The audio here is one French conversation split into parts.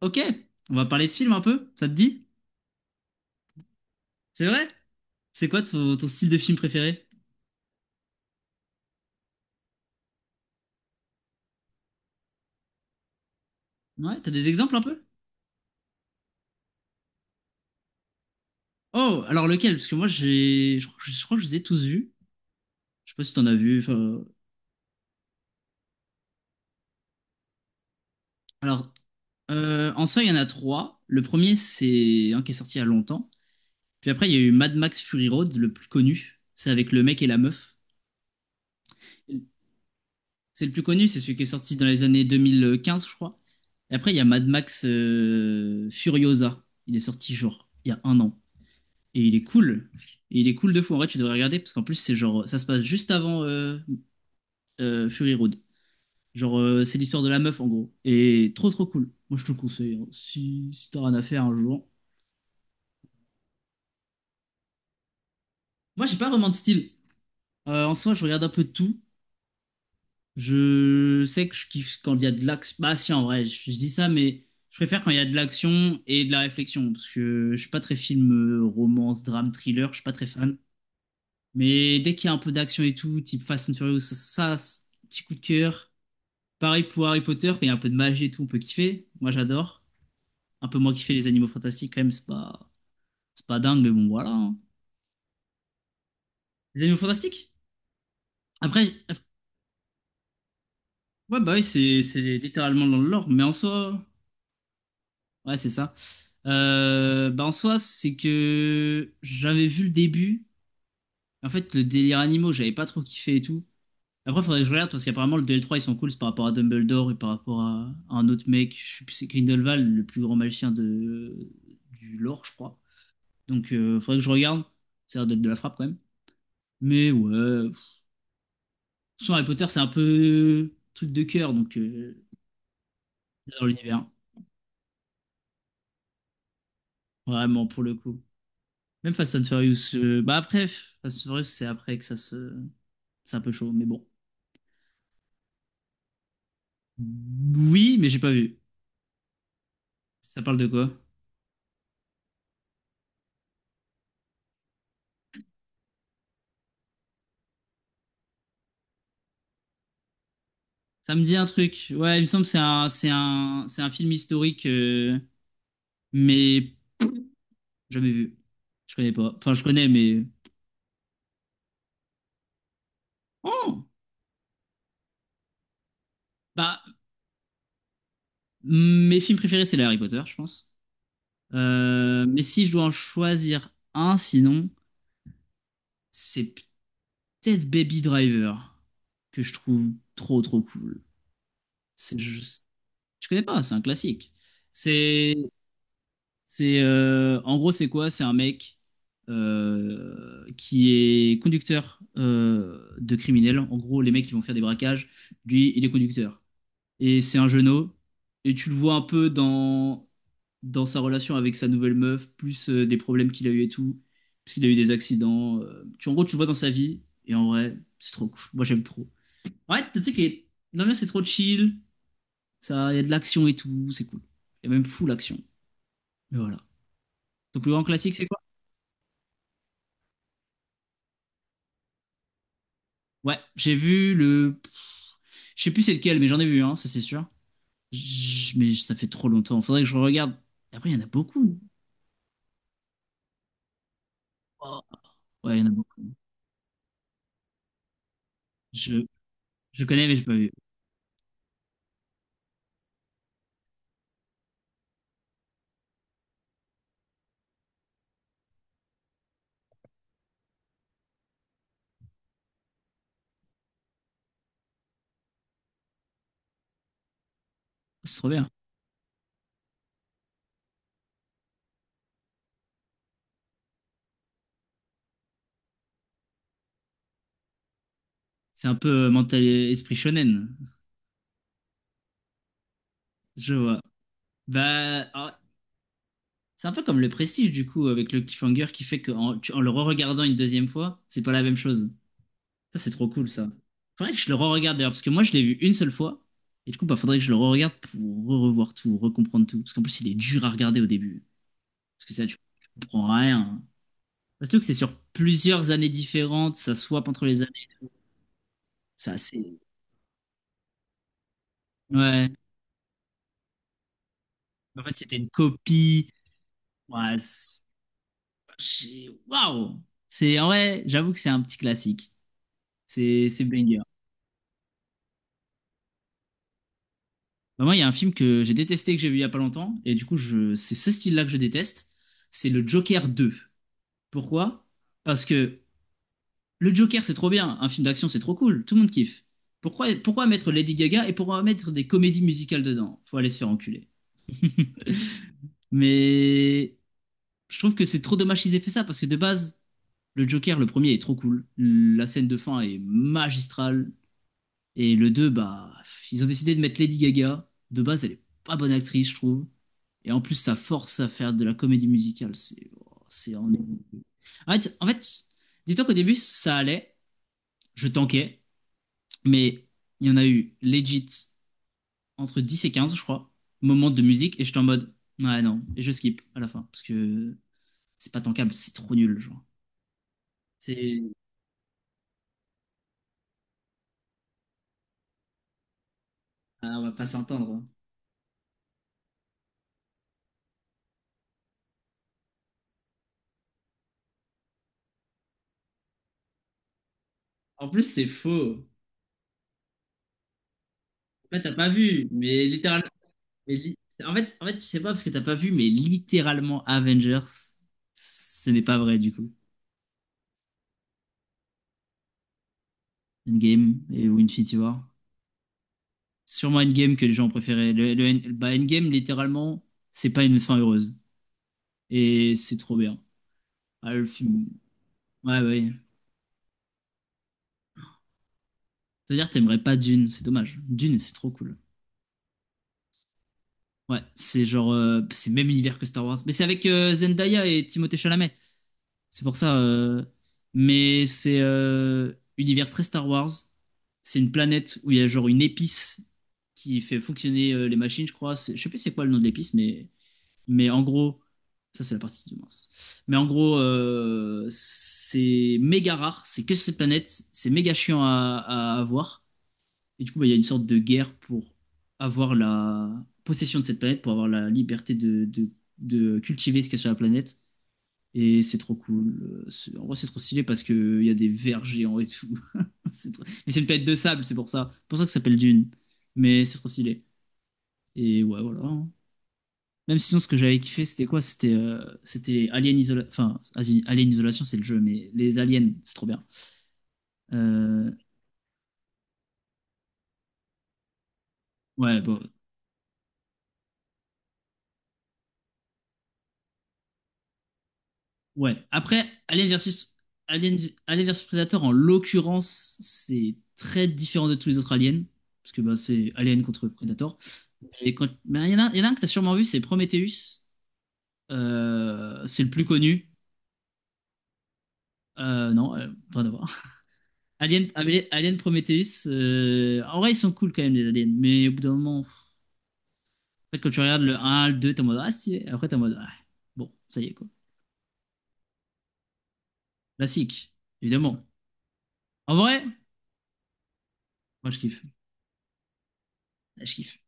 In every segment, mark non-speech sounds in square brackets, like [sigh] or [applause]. Ok, on va parler de films un peu, ça te dit? C'est vrai? C'est quoi ton style de film préféré? Ouais, t'as des exemples un peu? Oh, alors lequel? Parce que moi je crois que je les ai tous vus. Je sais pas si t'en as vu, enfin. Alors, en soi, il y en a trois. Le premier, c'est un qui est sorti il y a longtemps. Puis après, il y a eu Mad Max Fury Road, le plus connu. C'est avec le mec et la meuf. C'est le plus connu, c'est celui qui est sorti dans les années 2015, je crois. Et après, il y a Mad Max Furiosa. Il est sorti genre il y a un an. Et il est cool. Et il est cool de fou. En vrai, tu devrais regarder parce qu'en plus, c'est genre, ça se passe juste avant Fury Road. Genre, c'est l'histoire de la meuf en gros. Et trop trop cool. Moi, je te le conseille, hein. Si t'as rien à faire un jour. Moi, j'ai pas vraiment de style. En soi, je regarde un peu de tout. Je sais que je kiffe quand il y a de l'action. Bah si, en vrai, je dis ça, mais je préfère quand il y a de l'action et de la réflexion. Parce que je suis pas très film, romance, drame, thriller. Je suis pas très fan. Mais dès qu'il y a un peu d'action et tout, type Fast and Furious, c'est petit coup de cœur. Pareil pour Harry Potter, quand il y a un peu de magie et tout, on peut kiffer. Moi, j'adore. Un peu moins kiffer les animaux fantastiques, quand même, c'est pas dingue, mais bon, voilà, hein. Les animaux fantastiques? Après, ouais, bah oui, c'est littéralement dans le lore, mais en soi, ouais, c'est ça. Bah en soi, c'est que j'avais vu le début. En fait, le délire animaux, j'avais pas trop kiffé et tout. Après, faudrait que je regarde parce qu'apparemment, le DL3, ils sont cool, c'est par rapport à Dumbledore et par rapport à un autre mec. Je sais plus, c'est Grindelwald, le plus grand magicien de, du lore, je crois. Donc, il faudrait que je regarde. Ça a l'air d'être de la frappe quand même. Mais ouais, Harry Potter, c'est un peu truc de cœur, donc dans l'univers. Vraiment, pour le coup. Même Fast and Furious. Bah après, Fast and Furious, c'est après que ça se. C'est un peu chaud, mais bon. Oui, mais j'ai pas vu. Ça parle de quoi? Ça me dit un truc. Ouais, il me semble que c'est un film historique, mais jamais vu. Je connais pas. Enfin, je connais, mais. Oh! Bah, mes films préférés, c'est les Harry Potter, je pense. Mais si je dois en choisir un, sinon, c'est peut-être Baby Driver, que je trouve trop trop cool. C'est, je, je connais pas, c'est un classique. C'est, En gros, c'est quoi? C'est un mec qui est conducteur de criminels. En gros, les mecs qui vont faire des braquages, lui, il est conducteur. Et c'est un jeuneau. Et tu le vois un peu dans sa relation avec sa nouvelle meuf, plus des problèmes qu'il a eu et tout, parce qu'il a eu des accidents. En gros, tu le vois dans sa vie, et en vrai, c'est trop cool. Moi, j'aime trop. Ouais, tu sais que l'ambiance c'est trop chill, ça, il y a de l'action et tout, c'est cool. Il y a même fou l'action. Mais voilà. Ton plus grand classique, c'est quoi? Ouais, j'ai vu le. Je sais plus c'est lequel, mais j'en ai vu, hein, ça c'est sûr. Mais ça fait trop longtemps. Faudrait que je regarde. Après, il y en a beaucoup. Oh, ouais, il y en a beaucoup. Je connais, mais j'ai pas vu. C'est trop bien. C'est un peu mental esprit shonen. Je vois. Bah alors, c'est un peu comme le prestige, du coup, avec le cliffhanger qui fait qu'en en le re-regardant une deuxième fois, c'est pas la même chose. Ça, c'est trop cool, ça. Faudrait que je le re-regarde d'ailleurs, parce que moi, je l'ai vu une seule fois. Et du coup, bah, faudrait que je le re-regarde pour re-revoir tout, recomprendre tout. Parce qu'en plus, il est dur à regarder au début. Parce que ça, tu comprends rien. Surtout que c'est sur plusieurs années différentes, ça swap entre les années. C'est assez. Ouais. En fait, c'était une copie. Ouais, c'est- Waouh! C'est, en vrai, j'avoue que c'est un petit classique. C'est banger. Bah moi, il y a un film que j'ai détesté, que j'ai vu il y a pas longtemps, et du coup, c'est ce style-là que je déteste. C'est le Joker deux. Pourquoi? Parce que le Joker, c'est trop bien. Un film d'action, c'est trop cool. Tout le monde kiffe. Pourquoi mettre Lady Gaga et pourquoi mettre des comédies musicales dedans? Faut aller se faire enculer. [laughs] Mais je trouve que c'est trop dommage qu'ils aient fait ça parce que de base, le Joker, le premier est trop cool. La scène de fin est magistrale. Et le 2, bah, ils ont décidé de mettre Lady Gaga. De base, elle est pas bonne actrice, je trouve. Et en plus, ça force à faire de la comédie musicale. C'est, oh, c'est ennuyeux. En fait, dis-toi qu'au début, ça allait. Je tanquais. Mais il y en a eu legit entre 10 et 15, je crois, moments de musique. Et j'étais en mode, ouais, non. Et je skip à la fin. Parce que c'est pas tankable, c'est trop nul, genre. C'est... Ah, on va pas s'entendre, hein. En plus, c'est faux. En fait, t'as pas vu. Mais littéral... Mais li- en fait, je sais pas parce que t'as pas vu, mais littéralement Avengers, ce n'est pas vrai du coup. Endgame et ou Infinity War. Sûrement Endgame que les gens ont préféré. Endgame, littéralement, c'est pas une fin heureuse. Et c'est trop bien. Ah, le film. Ouais, ouais. C'est-à-dire, t'aimerais pas Dune, c'est dommage. Dune, c'est trop cool. Ouais, c'est genre. C'est le même univers que Star Wars. Mais c'est avec Zendaya et Timothée Chalamet. C'est pour ça. Mais c'est univers très Star Wars. C'est une planète où il y a genre une épice qui fait fonctionner les machines, je crois. Je sais plus c'est quoi le nom de l'épice, mais en gros, ça c'est la partie du mince. Mais en gros, c'est méga rare. C'est que cette planète, c'est méga chiant à avoir. Et du coup, bah, il y a une sorte de guerre pour avoir la possession de cette planète, pour avoir la liberté de cultiver ce qu'il y a sur la planète. Et c'est trop cool. En vrai, c'est trop stylé parce qu'il y a des vers géants et tout. [laughs] C'est trop- Mais c'est une planète de sable, c'est pour ça. C'est pour ça que ça s'appelle Dune. Mais c'est trop stylé. Et ouais, voilà, hein. Même sinon, ce que j'avais kiffé, c'était quoi? C'était Alien Isolation. Enfin, vas-y, Alien Isolation, c'est le jeu, mais les aliens, c'est trop bien. Euh, Ouais, bon, ouais. Après, Alien, Alien versus Predator, en l'occurrence, c'est très différent de tous les autres aliens. Parce que bah, c'est Alien contre Predator. Mais il y en a un que t'as sûrement vu, c'est Prometheus. C'est le plus connu. Euh, non, euh, Rien à voir. [laughs] Alien Prometheus. En vrai, ils sont cool quand même, les aliens. Mais au bout d'un moment, en fait, quand tu regardes le un, le 2 t'es en mode ah, stylé. Après, t'es en mode ah, bon, ça y est, quoi. Classique, évidemment. En vrai, moi, je kiffe. Je kiffe.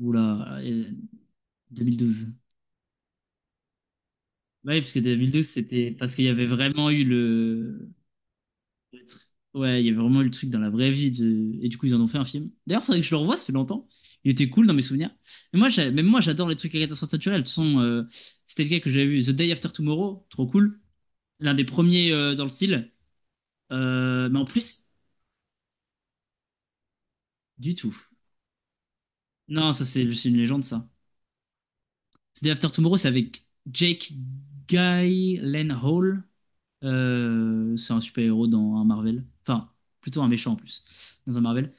Oula, 2012. Oui, parce que 2012, c'était parce qu'il y avait vraiment eu le... le tr- Ouais, il y avait vraiment eu le truc dans la vraie vie. Et du coup, ils en ont fait un film. D'ailleurs, faudrait que je le revoie, ça fait longtemps. Il était cool dans mes souvenirs. Mais même moi, j'adore les trucs à catastrophe naturelle. De toute façon, c'était lequel que j'avais vu, The Day After Tomorrow, trop cool. L'un des premiers dans le style. Mais en plus, du tout. Non, ça, c'est juste une légende, ça. The Day After Tomorrow, c'est avec Jake Gyllenhaal. C'est un super-héros dans un Marvel. Enfin, plutôt un méchant en plus, dans un Marvel.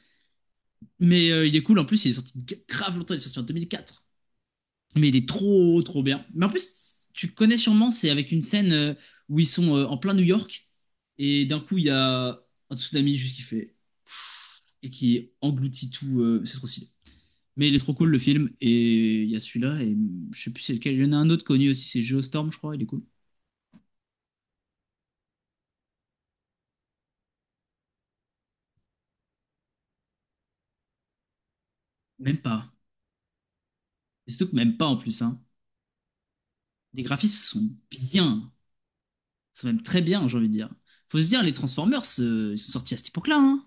Mais il est cool, en plus, il est sorti grave longtemps, il est sorti en 2004. Mais il est trop, trop bien. Mais en plus, tu connais sûrement, c'est avec une scène où ils sont en plein New York, et d'un coup, il y a un tsunami juste qui fait, et qui engloutit tout, c'est trop stylé. Mais il est trop cool le film, et il y a celui-là, et je sais plus c'est lequel. Il y en a un autre connu aussi, c'est Geostorm, je crois, il est cool. Même pas. Et surtout que même pas en plus, hein. Les graphismes sont bien. Ils sont même très bien, j'ai envie de dire. Faut se dire, les Transformers, ils sont sortis à cette époque-là, hein.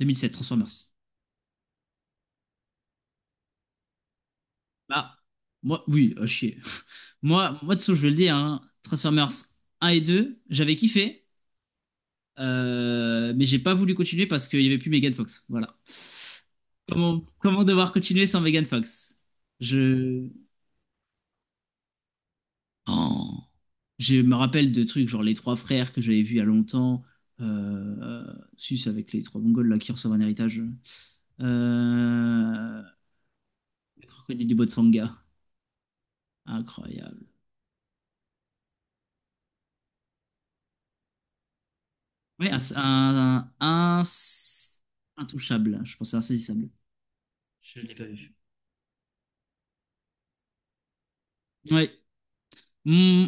2007, Transformers. Bah moi, oui, à chier. Dessous, je vais le dire, hein, Transformers 1 et 2, j'avais kiffé, mais j'ai pas voulu continuer parce qu'il y avait plus Megan Fox. Voilà. Comment devoir continuer sans Megan Fox? Je. Oh. Je me rappelle de trucs genre les trois frères que j'avais vus il y a longtemps. Euh, Si, c'est avec les trois Mongols là qui reçoivent un héritage. Euh, Le crocodile du Botsanga. Incroyable. Oui, un- intouchable. Je pensais insaisissable. Je ne l'ai pas vu. Ouais. Hmm.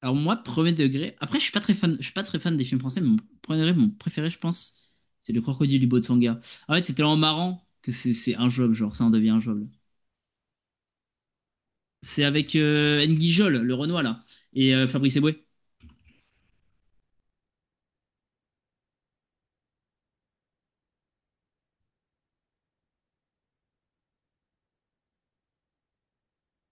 Alors moi, premier degré. Après, je suis pas très fan. Je suis pas très fan des films français, mais mon premier degré, mon préféré, je pense, c'est Le Crocodile du Botsanga. En fait, c'est tellement marrant que c'est injouable, genre ça en devient injouable. C'est avec N'Guy Jol, le Renoir là, et Fabrice Eboué.